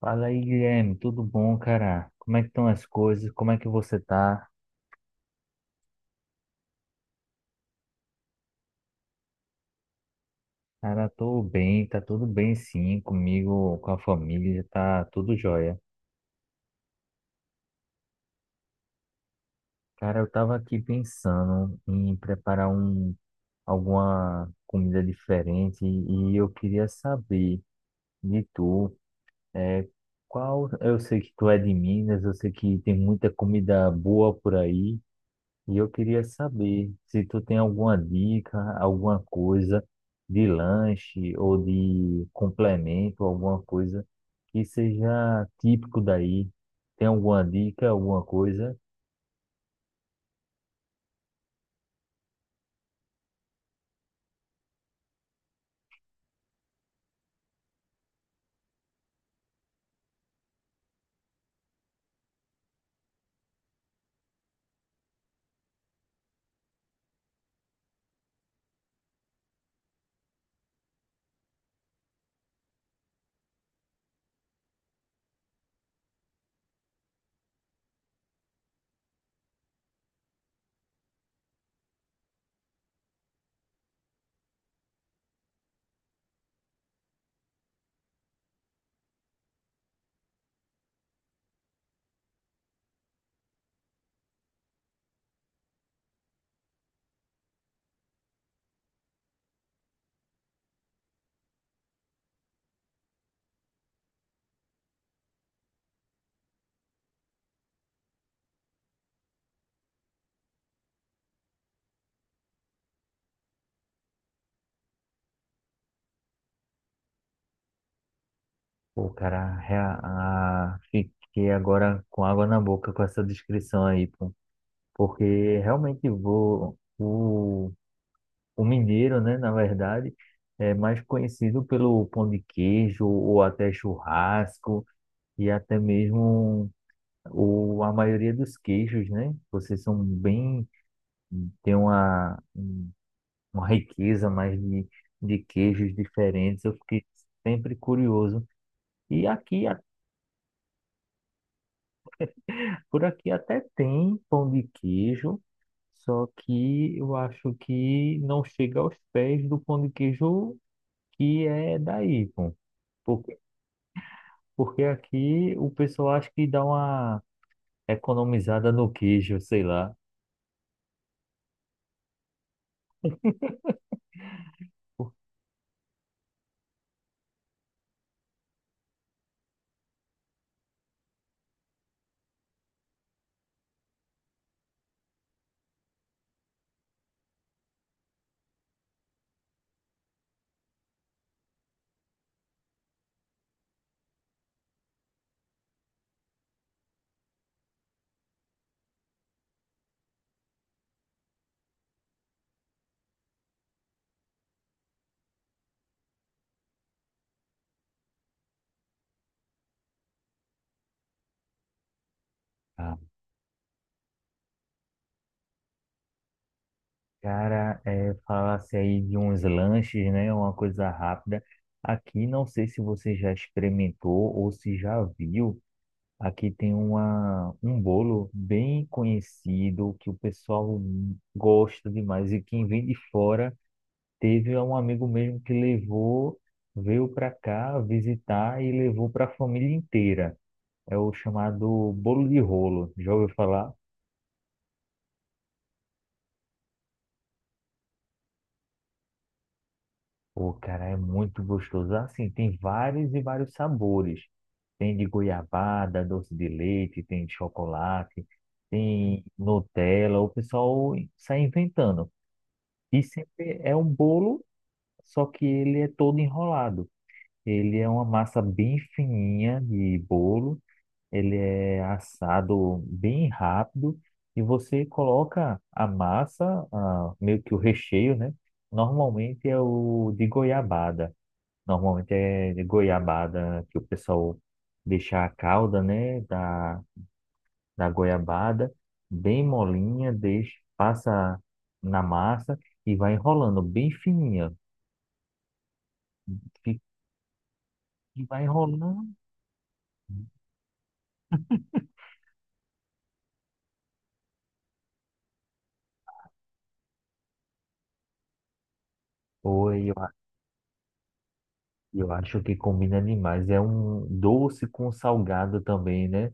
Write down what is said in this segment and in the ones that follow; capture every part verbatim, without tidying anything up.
Fala aí, Guilherme, tudo bom, cara? Como é que estão as coisas? Como é que você tá? Cara, tô bem, tá tudo bem sim, comigo, com a família, tá tudo jóia. Cara, eu tava aqui pensando em preparar um, alguma comida diferente e eu queria saber de tu, é, qual, eu sei que tu é de Minas, eu sei que tem muita comida boa por aí. E eu queria saber se tu tem alguma dica, alguma coisa de lanche ou de complemento, alguma coisa que seja típico daí. Tem alguma dica, alguma coisa? Pô, cara, rea- ah, fiquei agora com água na boca com essa descrição aí, pô. Porque realmente vou, o, o mineiro, né, na verdade, é mais conhecido pelo pão de queijo ou até churrasco e até mesmo O, a maioria dos queijos, né? Vocês são bem, tem uma, uma riqueza mais de, de queijos diferentes. Eu fiquei sempre curioso. E aqui, a- por aqui até tem pão de queijo, só que eu acho que não chega aos pés do pão de queijo que é daí, pô. Porque, porque aqui o pessoal acha que dá uma economizada no queijo, sei lá. Cara, é, falasse aí de uns lanches, né? Uma coisa rápida. Aqui, não sei se você já experimentou ou se já viu. Aqui tem uma, um bolo bem conhecido que o pessoal gosta demais. E quem vem de fora, teve é um amigo mesmo que levou, veio para cá visitar e levou para a família inteira. É o chamado bolo de rolo. Já ouviu falar? Pô, cara, é muito gostoso. Assim, tem vários e vários sabores. Tem de goiabada, doce de leite, tem de chocolate, tem Nutella. O pessoal sai inventando. E sempre é um bolo, só que ele é todo enrolado. Ele é uma massa bem fininha de bolo. Ele é assado bem rápido. E você coloca a massa, ah, meio que o recheio, né? Normalmente é o de goiabada. Normalmente é de goiabada, que o pessoal deixa a calda, né, da, da goiabada bem molinha, deixa, passa na massa e vai enrolando bem fininha. E e vai enrolando. Oi, eu, a- eu acho que combina demais. É um doce com salgado também, né?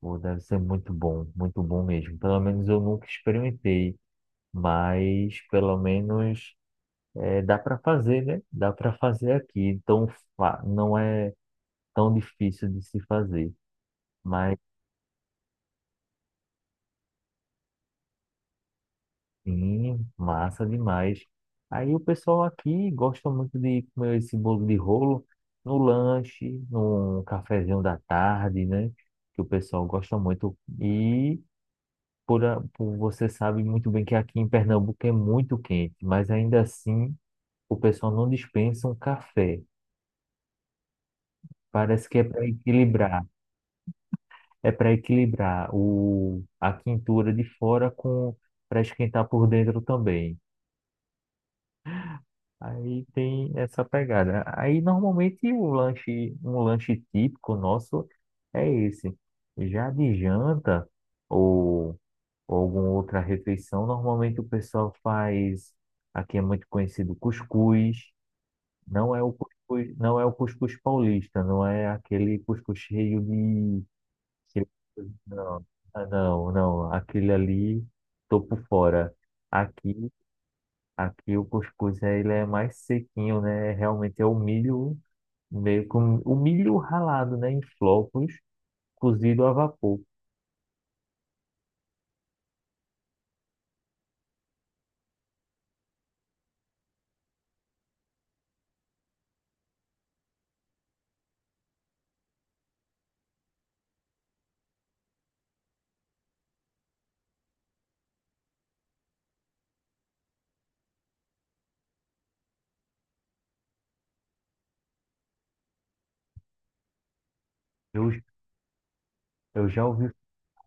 Pô, deve ser muito bom, muito bom mesmo. Pelo menos eu nunca experimentei, mas pelo menos é, dá para fazer, né? Dá para fazer aqui. Então, fa- não é tão difícil de se fazer. Mas sim, massa demais. Aí o pessoal aqui gosta muito de comer esse bolo de rolo no lanche, num cafezinho da tarde, né? Que o pessoal gosta muito. E por, a- por, você sabe muito bem que aqui em Pernambuco é muito quente, mas ainda assim o pessoal não dispensa um café. Parece que é para equilibrar. É para equilibrar o, a quintura de fora com, para esquentar por dentro também. Aí tem essa pegada. Aí normalmente o lanche, um lanche típico nosso é esse. Já de janta ou, ou alguma outra refeição, normalmente o pessoal faz, aqui é muito conhecido cuscuz. Não é o cuscuz, não é o cuscuz paulista, não é aquele cuscuz cheio de... Aquele- Não, ah, não, não. Aquele ali, tô por fora. Aqui, aqui o cuscuz eh, ele é mais sequinho, né? Realmente é o milho, meio com o milho ralado, né? Em flocos, cozido a vapor. Eu, eu já ouvi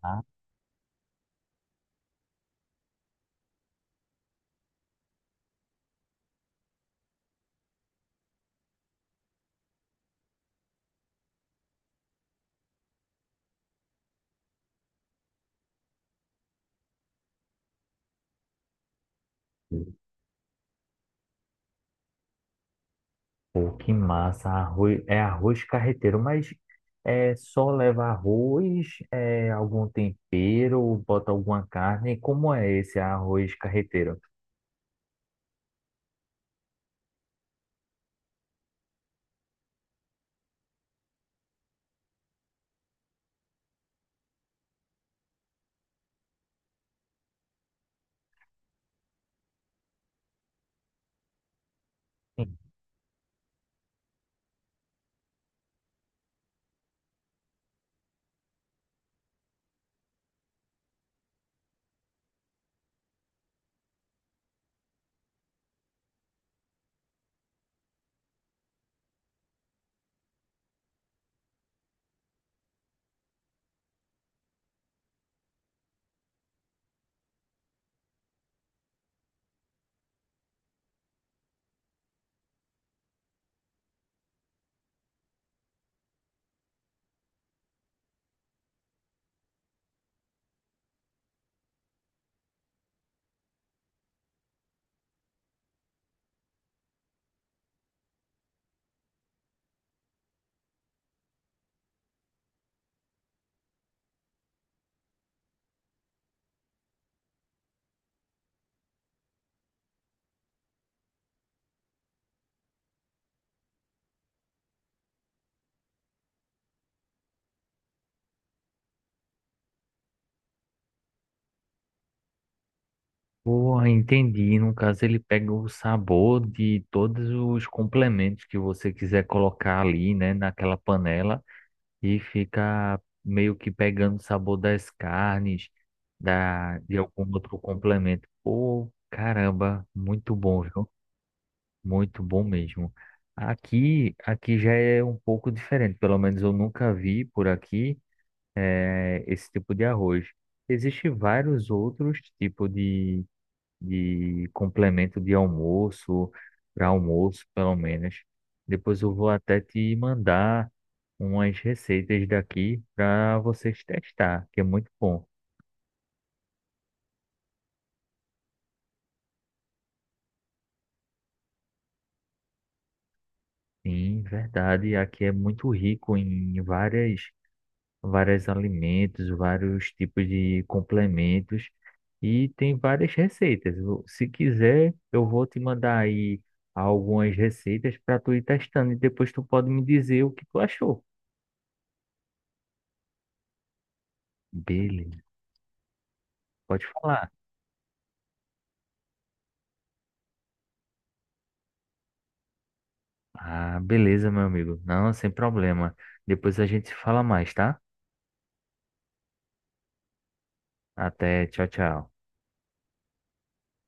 falar. Pô, que massa, arroz, é arroz carreteiro, mas é só leva arroz, é algum tempero, bota alguma carne. Como é esse arroz carreteiro? Porra, entendi. No caso, ele pega o sabor de todos os complementos que você quiser colocar ali, né, naquela panela e fica meio que pegando o sabor das carnes, da, de algum outro complemento. Pô, caramba, muito bom, viu? Muito bom mesmo. Aqui, aqui já é um pouco diferente. Pelo menos eu nunca vi por aqui, eh, esse tipo de arroz. Existem vários outros tipos de complemento de almoço, para almoço, pelo menos. Depois eu vou até te mandar umas receitas daqui para vocês testar, que é muito bom. Sim, verdade, aqui é muito rico em várias, vários alimentos, vários tipos de complementos e tem várias receitas. Eu- Se quiser, eu vou te mandar aí algumas receitas para tu ir testando e depois tu pode me dizer o que tu achou. Beleza. Pode falar. Ah, beleza, meu amigo. Não, sem problema. Depois a gente se fala mais, tá? Até, tchau, tchau.